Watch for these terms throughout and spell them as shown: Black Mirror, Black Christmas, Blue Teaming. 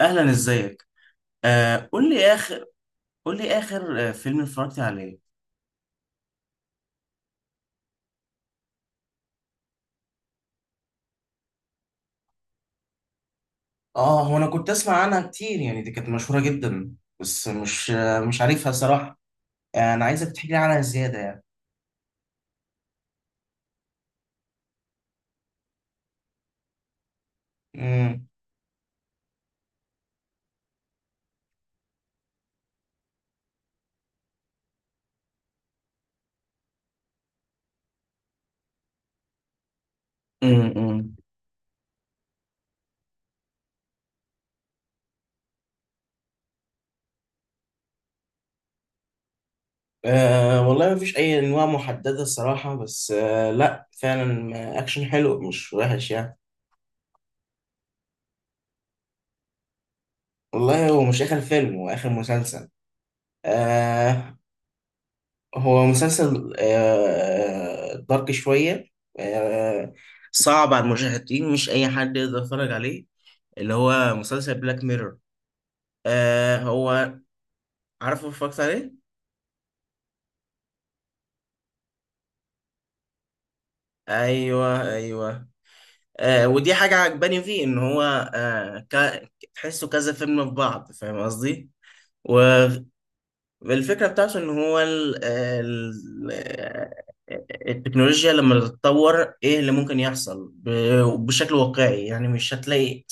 اهلا، ازيك؟ قول لي اخر. قول لي اخر فيلم اتفرجت عليه. اه، هو انا كنت اسمع عنها كتير، يعني دي كانت مشهورة جدا، بس مش عارفها صراحة. انا عايزك تحكي لي عنها زيادة يعني. امم. امم. والله مفيش اي انواع محددة الصراحة، بس لا فعلا، اكشن حلو، مش وحش يعني. والله هو مش اخر فيلم، هو اخر مسلسل. آه. هو مسلسل دارك شوية. آه. صعب على المشاهدين، مش أي حد يقدر يتفرج عليه. اللي هو مسلسل بلاك ميرور. آه، هو. عارفه اتفرجت عليه؟ أيوه، أيوه. ودي حاجة عجباني فيه إن هو تحسه كذا فيلم في بعض، فاهم قصدي؟ و... الفكرة بتاعته إن هو ال التكنولوجيا لما تتطور، إيه اللي ممكن يحصل بشكل واقعي؟ يعني مش هتلاقي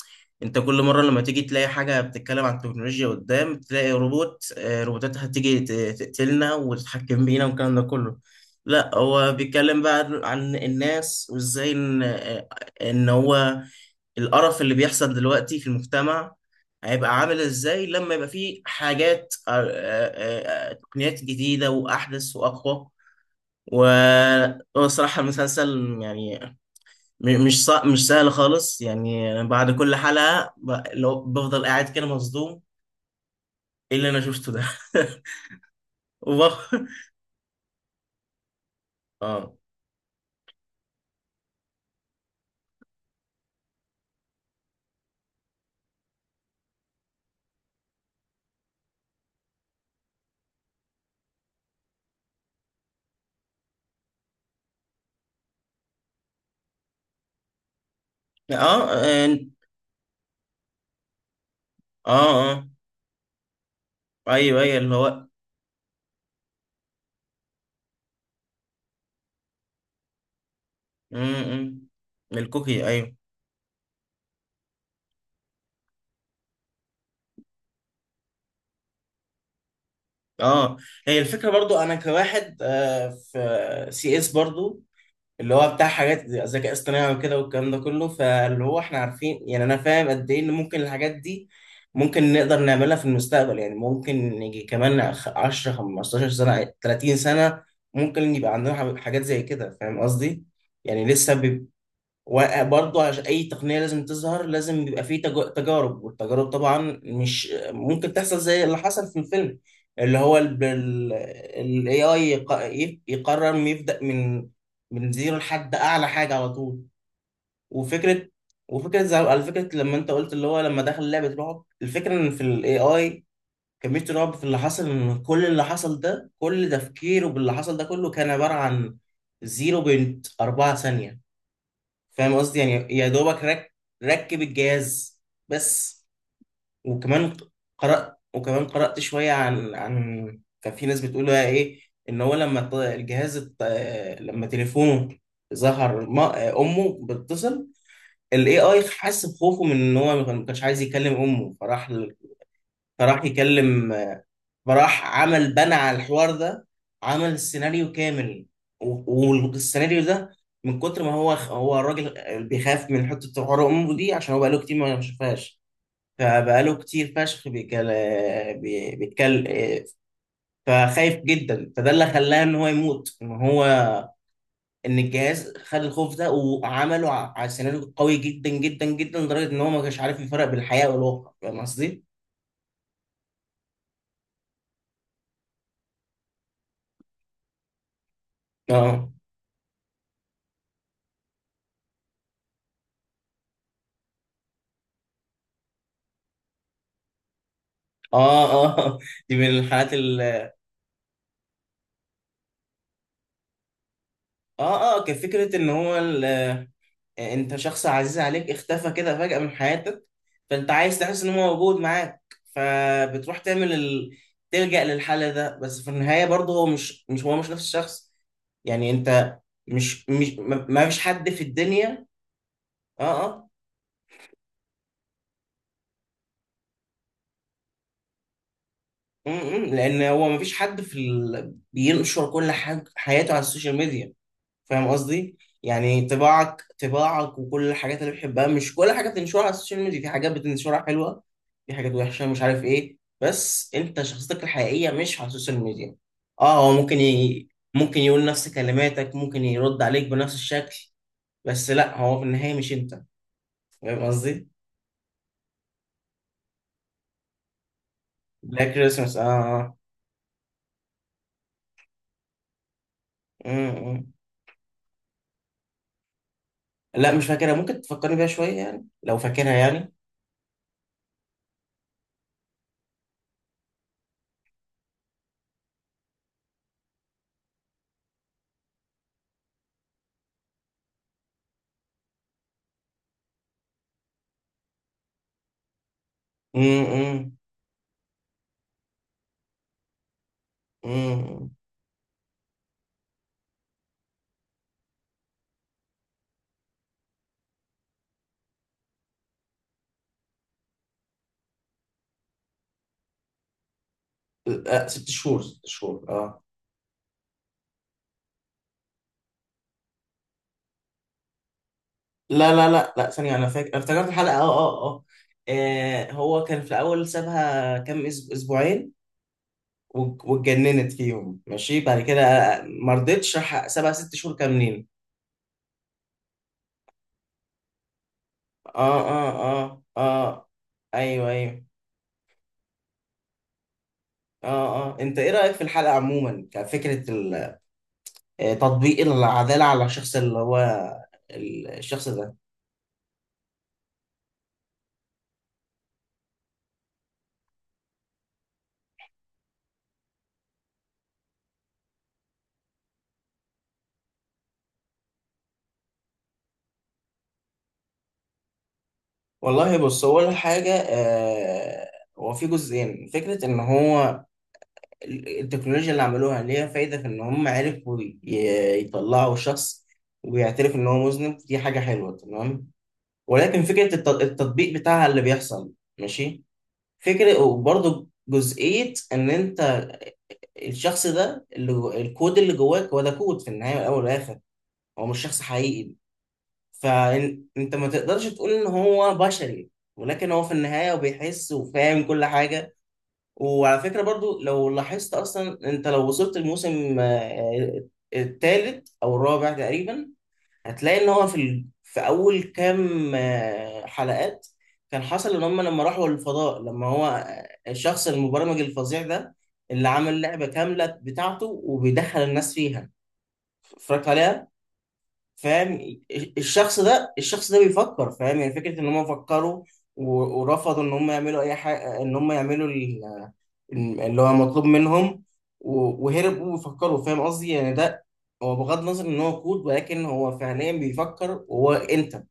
أنت كل مرة لما تيجي تلاقي حاجة بتتكلم عن التكنولوجيا قدام، تلاقي روبوت، روبوتات هتيجي تقتلنا وتتحكم بينا والكلام ده كله. لا، هو بيتكلم بقى عن الناس وإزاي إن إن هو القرف اللي بيحصل دلوقتي في المجتمع هيبقى عامل ازاي لما يبقى فيه حاجات تقنيات جديدة وأحدث وأقوى. وصراحة المسلسل يعني مش سهل خالص. يعني أنا بعد كل حلقة لو بفضل قاعد كده مصدوم، ايه اللي انا شفته ده؟ وبخ... اه، اه، اه، اه. ايوه، ايوه، اللي هو م- م. الكوكي، ايوه. اه، هي الفكره برضو، انا كواحد في سي اس برضو، اللي هو بتاع حاجات ذكاء اصطناعي وكده والكلام ده كله. فاللي هو احنا عارفين، يعني انا فاهم قد ايه ان ممكن الحاجات دي ممكن نقدر نعملها في المستقبل. يعني ممكن نيجي كمان 10 15 سنه، 30 سنه، ممكن يبقى عندنا حاجات زي كده، فاهم قصدي؟ يعني لسه. وبرضه عشان اي تقنيه لازم تظهر، لازم بيبقى فيه تجارب، والتجارب طبعا مش ممكن تحصل زي اللي حصل في الفيلم، اللي هو ال AI يقرر إنه يبدأ من زيرو لحد اعلى حاجه على طول. وفكره، وفكره زي، على فكره لما انت قلت اللي هو لما دخل لعبه رعب، الفكره ان في ال AI كميه رعب في اللي حصل، ان كل اللي حصل ده، كل تفكيره باللي حصل ده كله، كان عباره عن 0.4 ثانيه. فاهم قصدي؟ يعني يا دوبك رك، ركب الجهاز بس. وكمان قرأت، وكمان قرأت شوية عن كان في ناس بتقول بقى ايه، ان هو لما لما تليفونه ظهر ما امه بتتصل، الاي اي حس بخوفه من ان هو ما كانش عايز يكلم امه، فراح ل- فراح يكلم فراح عمل، بنى على الحوار ده، عمل سيناريو كامل. والسيناريو ده من كتر ما هو الراجل بيخاف من حتة حوار أمه دي، عشان هو بقاله كتير ما شافهاش، فبقاله كتير فشخ بيتكلم، بيتكلم، فخايف جدا. فده اللي خلاه ان هو يموت، ان هو، ان الجهاز خد الخوف ده وعمله على سيناريو قوي جدا جدا جدا، لدرجة ان هو ما كانش عارف يفرق بين الحقيقة والواقع، فاهم قصدي؟ اه، اه. اه. دي من الحالات. اه، اه، كفكرة ان هو ال... انت شخص عزيز عليك اختفى كده فجأة من حياتك، فانت عايز تحس ان هو موجود معاك، فبتروح تعمل ال... تلجأ للحل ده، بس في النهاية برضه هو مش، مش هو، مش نفس الشخص. يعني انت، مش ما فيش حد في الدنيا. اه، اه. م- م، لان هو ما فيش حد في ال... بينشر كل حاجة حياته على السوشيال ميديا، فاهم قصدي؟ يعني طباعك، طباعك وكل الحاجات اللي بتحبها، مش كل حاجه بتنشرها على السوشيال ميديا. في حاجات بتنشرها حلوه، في حاجات وحشه، مش عارف ايه، بس انت شخصيتك الحقيقيه مش على السوشيال ميديا. اه، هو ممكن ي... ممكن يقول نفس كلماتك، ممكن يرد عليك بنفس الشكل، بس لا، هو في النهايه مش انت، فاهم قصدي؟ بلاك كريسمس، اه. آه. آه. م. لا، مش فاكرها، ممكن تفكرني بيها شويه يعني لو فاكرها يعني. امم. امم. ست شهور، ست شهور، اه. لا لا لا لا، ثانية، أنا فاكر، أنا افتكرت الحلقة. أه، أه، أه، هو كان في الأول سابها كام، أسبوعين، واتجننت فيهم، ماشي، بعد كده ما رضتش، راح سابها ست شهور كاملين. أه، أه، أه، أه، أيوه، أيوه، أه، أه. أنت إيه رأيك في الحلقة عموما؟ كفكرة تطبيق العدالة على الشخص اللي هو الشخص ده. والله بص، هو أول حاجة، هو في جزئين. فكرة إن هو التكنولوجيا اللي عملوها ليها فايدة في إن هم عرفوا يطلعوا شخص ويعترف إن هو مذنب، دي حاجة حلوة تمام، ولكن فكرة التطبيق بتاعها اللي بيحصل، ماشي. فكرة، وبرضه جزئية إن أنت، الشخص ده اللي الكود اللي جواك، هو ده كود في النهاية والأول والآخر، هو مش شخص حقيقي، فأنت ما تقدرش تقول إن هو بشري، ولكن هو في النهاية وبيحس وفاهم كل حاجة. وعلى فكرة برضو لو لاحظت أصلا، أنت لو وصلت الموسم الثالث أو الرابع تقريبا، هتلاقي إن هو في ال... في أول كام حلقات، كان حصل إن هم لما راحوا الفضاء، لما هو، الشخص المبرمج الفظيع ده، اللي عمل لعبة كاملة بتاعته وبيدخل الناس فيها، اتفرجت عليها؟ فاهم. الشخص ده، الشخص ده بيفكر، فاهم يعني؟ فكرة ان هم فكروا ورفضوا ان هم يعملوا اي حاجة، ان هم يعملوا اللي هو مطلوب منهم، وهربوا وفكروا، فاهم قصدي؟ يعني ده، هو بغض النظر ان هو كود، ولكن هو فعليا بيفكر وهو انت.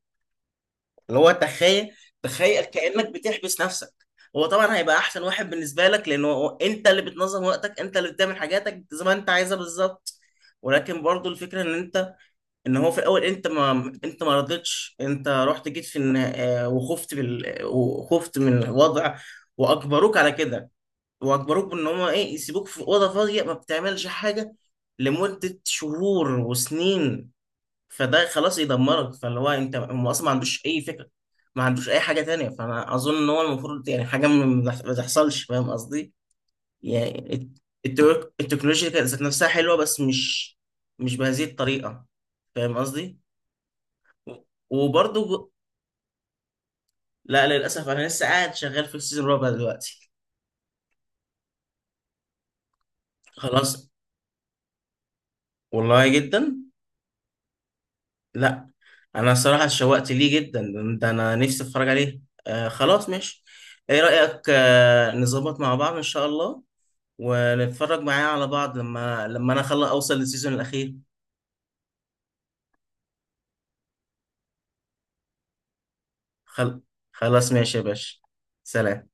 اللي هو تخيل، تخيل كأنك بتحبس نفسك، هو طبعا هيبقى احسن واحد بالنسبة لك، لان هو انت اللي بتنظم وقتك، انت اللي بتعمل حاجاتك زي ما انت عايزها بالظبط، ولكن برضو الفكرة ان انت، ان هو في الاول انت ما رضيتش، انت رحت، جيت في النها-، وخفت بال...، وخفت من الوضع، واجبروك على كده، واجبروك ان هم ايه، يسيبوك في اوضه فاضيه ما بتعملش حاجه لمده شهور وسنين، فده خلاص يدمرك. فاللي هو انت، هم اصلا ما عندوش اي فكره، ما عندوش اي حاجه تانية، فانا اظن ان هو المفروض يعني حاجه ما، ما تحصلش، فاهم قصدي؟ يعني التكنولوجيا كانت ذات نفسها حلوه، بس مش بهذه الطريقه، فاهم قصدي؟ وبرضه، لا للاسف، انا لسه قاعد شغال في السيزون الرابع دلوقتي. خلاص. والله جدا. لا، انا الصراحه اتشوقت ليه جدا، ده انا نفسي اتفرج عليه. آه، خلاص ماشي. ايه رايك نظبط مع بعض ان شاء الله، ونتفرج معايا على بعض، لما، لما انا خلاص اوصل للسيزون الاخير. خل... خلاص ماشي يا باشا، سلام.